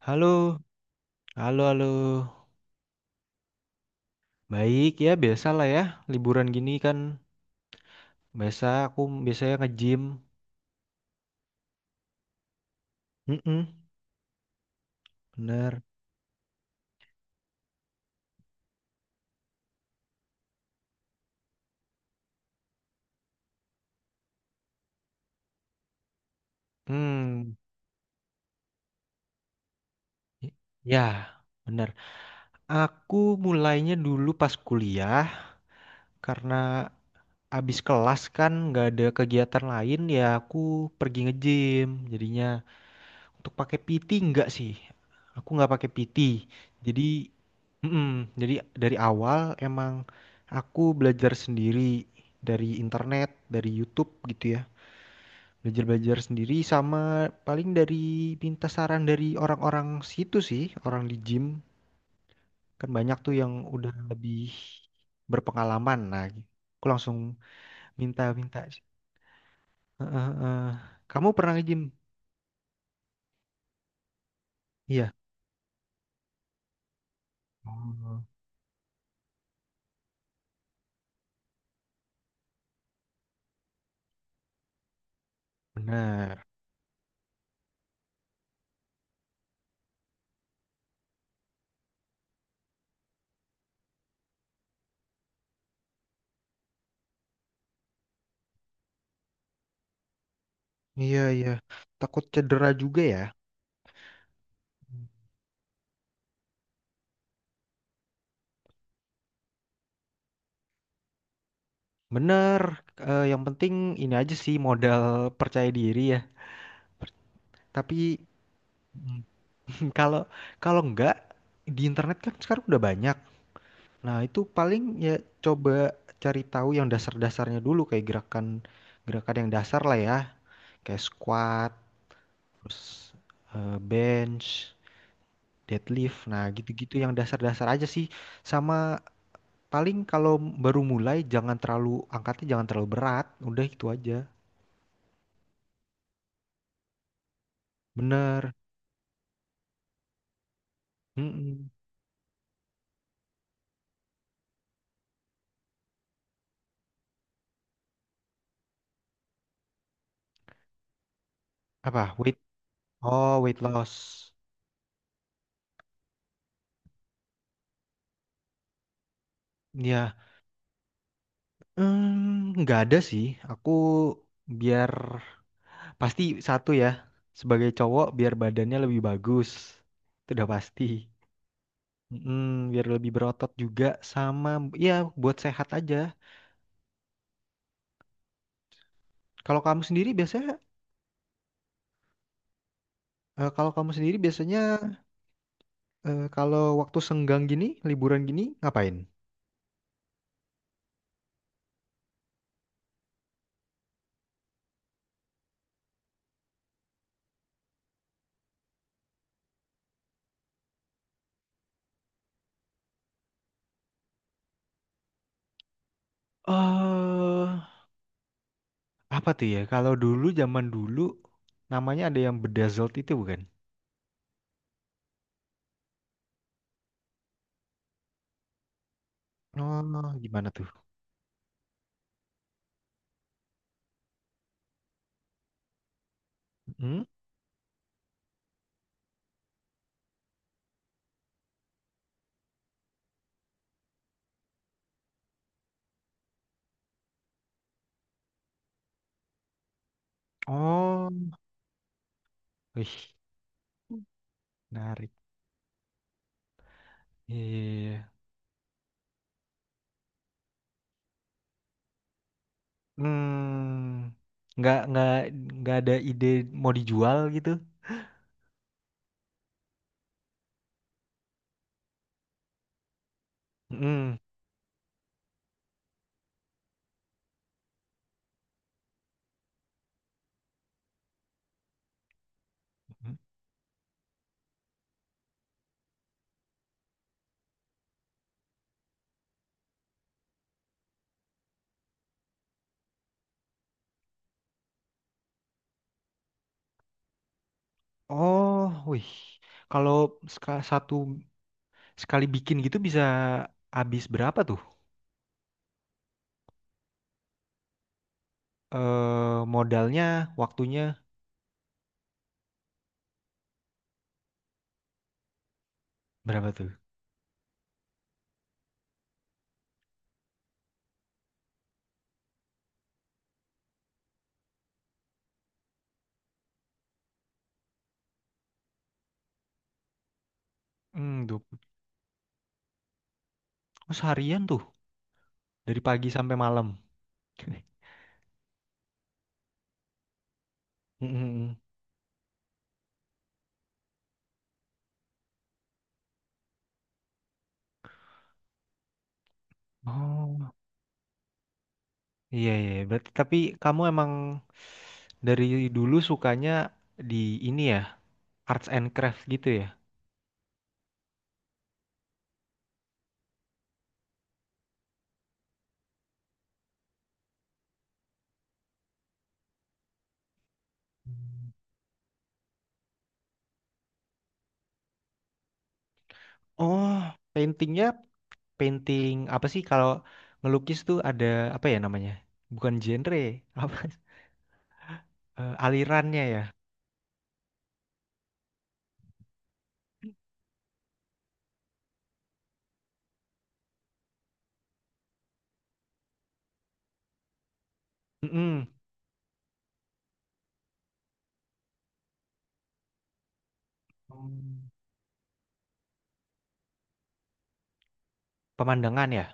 Halo, halo, halo. Baik ya, biasalah ya. Liburan gini kan biasa aku biasanya nge-gym. Mm-mm, bener. Hmm, y- ya, bener. Aku mulainya dulu pas kuliah karena abis kelas kan nggak ada kegiatan lain ya aku pergi nge-gym. Jadinya untuk pakai PT nggak sih. Aku nggak pakai PT. Jadi mm-mm. Jadi dari awal emang aku belajar sendiri dari internet, dari YouTube gitu ya. Belajar-belajar sendiri sama paling dari minta saran dari orang-orang situ sih, orang di gym. Kan banyak tuh yang udah lebih berpengalaman. Nah, aku langsung minta-minta. Eh, eh, Kamu pernah nge-gym? Iya. Oh, benar. Iya, iya. Takut cedera juga ya. Bener, eh, yang penting ini aja sih modal percaya diri ya. Per- Tapi kalau kalau enggak di internet kan sekarang udah banyak. Nah, itu paling ya coba cari tahu yang dasar-dasarnya dulu kayak gerakan gerakan yang dasar lah ya, kayak squat, terus eh, bench, deadlift. Nah, gitu-gitu yang dasar-dasar aja sih. Sama paling kalau baru mulai jangan terlalu angkatnya jangan terlalu berat, udah itu aja. Bener. Mm-mm. Apa? Weight? Oh, weight loss. Ya, hmm, nggak ada sih. Aku biar pasti satu ya. Sebagai cowok biar badannya lebih bagus. Itu udah pasti. Mm, biar lebih berotot juga sama ya buat sehat aja. Kalau kamu sendiri biasanya eh, kalau kamu sendiri biasanya eh, Kalau waktu senggang gini, liburan gini ngapain? Eh, apa tuh ya? Kalau dulu zaman dulu namanya ada yang bedazzled itu bukan? Oh, gimana tuh? Hmm? Oh, wih, menarik. Iya. Hmm, nggak nggak ada ide mau dijual gitu? Hmm. Oh, wih. Kalau seka- satu sekali bikin gitu bisa habis berapa tuh? Eh, modalnya, waktunya berapa tuh? Hmm, 20. Oh, seharian tuh dari pagi sampai malam. Mm-mm. Oh. Iya, iya, iya, berarti tapi kamu emang dari dulu sukanya di ini ya, arts and craft gitu ya. Oh, paintingnya painting apa sih kalau ngelukis tuh ada apa ya namanya? Bukan genre, apa eh, alirannya ya. Mm-mm. Hmm. Pemandangan ya.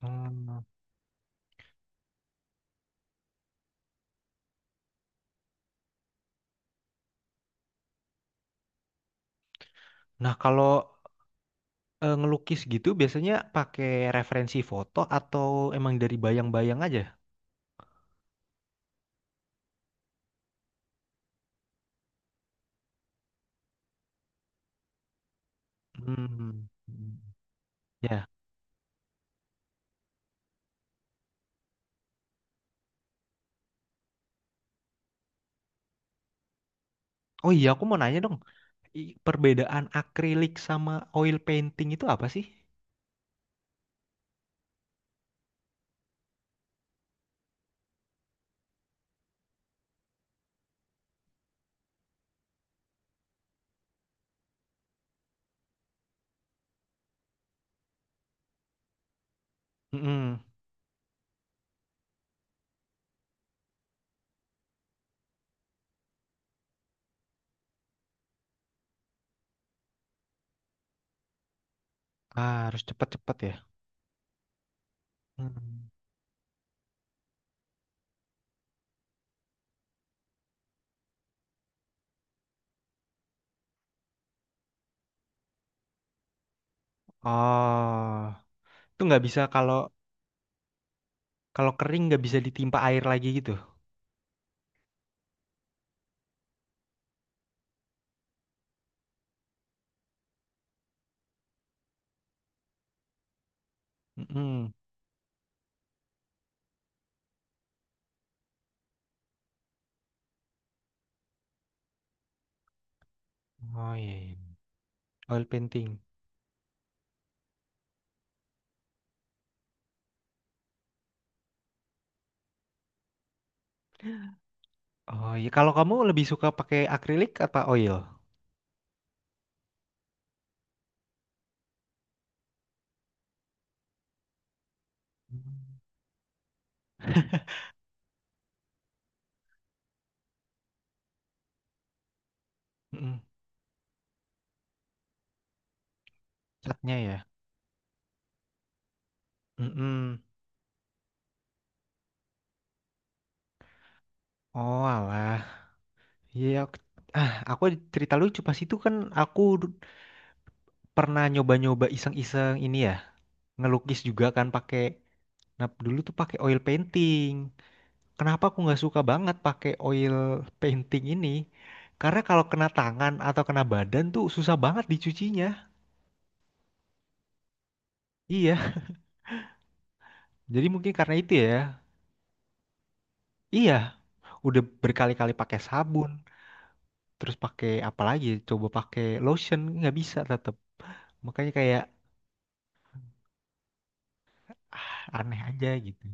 Hmm. Nah, kalau eh, ngelukis gitu biasanya pakai referensi foto atau emang dari bayang-bayang aja? Hmm. Hmm. Ya. Oh iya, aku mau nanya dong. Perbedaan akrilik sama oil painting itu apa sih? Mm-mm. Ah, harus cepat-cepat ya. Hmm. Oh, itu nggak bisa kalau kalau kering nggak bisa ditimpa air lagi gitu. Mm-mm. Oh iya, iya. Oil painting. Oh iya, kalau kamu lebih suka pakai akrilik apa oil? Hmm. Mm-mm. Catnya ya. Mm-mm. Oh alah, iya. Ah, aku cerita lucu pas itu kan aku du- pernah nyoba-nyoba iseng-iseng ini ya, ngelukis juga kan pakai nah dulu tuh pakai oil painting. Kenapa aku nggak suka banget pakai oil painting ini karena kalau kena tangan atau kena badan tuh susah banget dicucinya, iya, jadi mungkin karena itu ya. Iya, udah berkali-kali pakai sabun terus pakai apa lagi coba pakai lotion nggak bisa tetap, makanya kayak aneh aja gitu.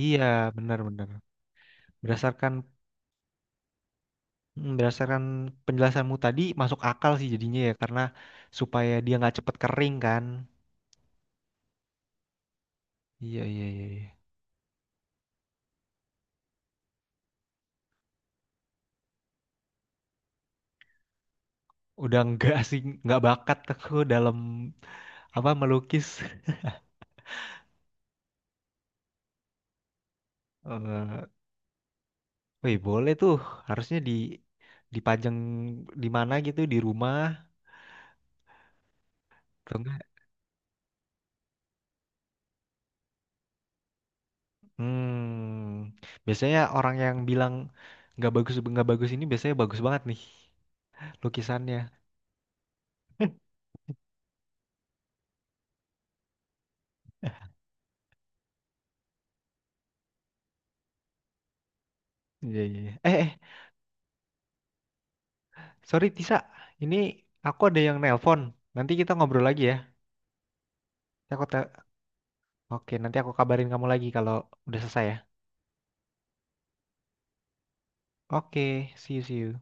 Iya, benar-benar berdasarkan, hmm, berdasarkan penjelasanmu tadi masuk akal sih jadinya ya karena supaya dia nggak cepet kering kan. Iya iya iya, iya. Udah nggak sih nggak bakat aku dalam apa melukis. Eh, wih boleh tuh, harusnya di dipajang di mana gitu di rumah atau enggak? Hmm, biasanya orang yang bilang nggak bagus ini biasanya bagus banget nih lukisannya. Iya iya, iya. Sorry Tisa, ini aku ada yang nelpon. Nanti kita ngobrol lagi ya. Aku te- Oke, nanti aku kabarin kamu lagi kalau udah selesai ya. Oke, see you, see you.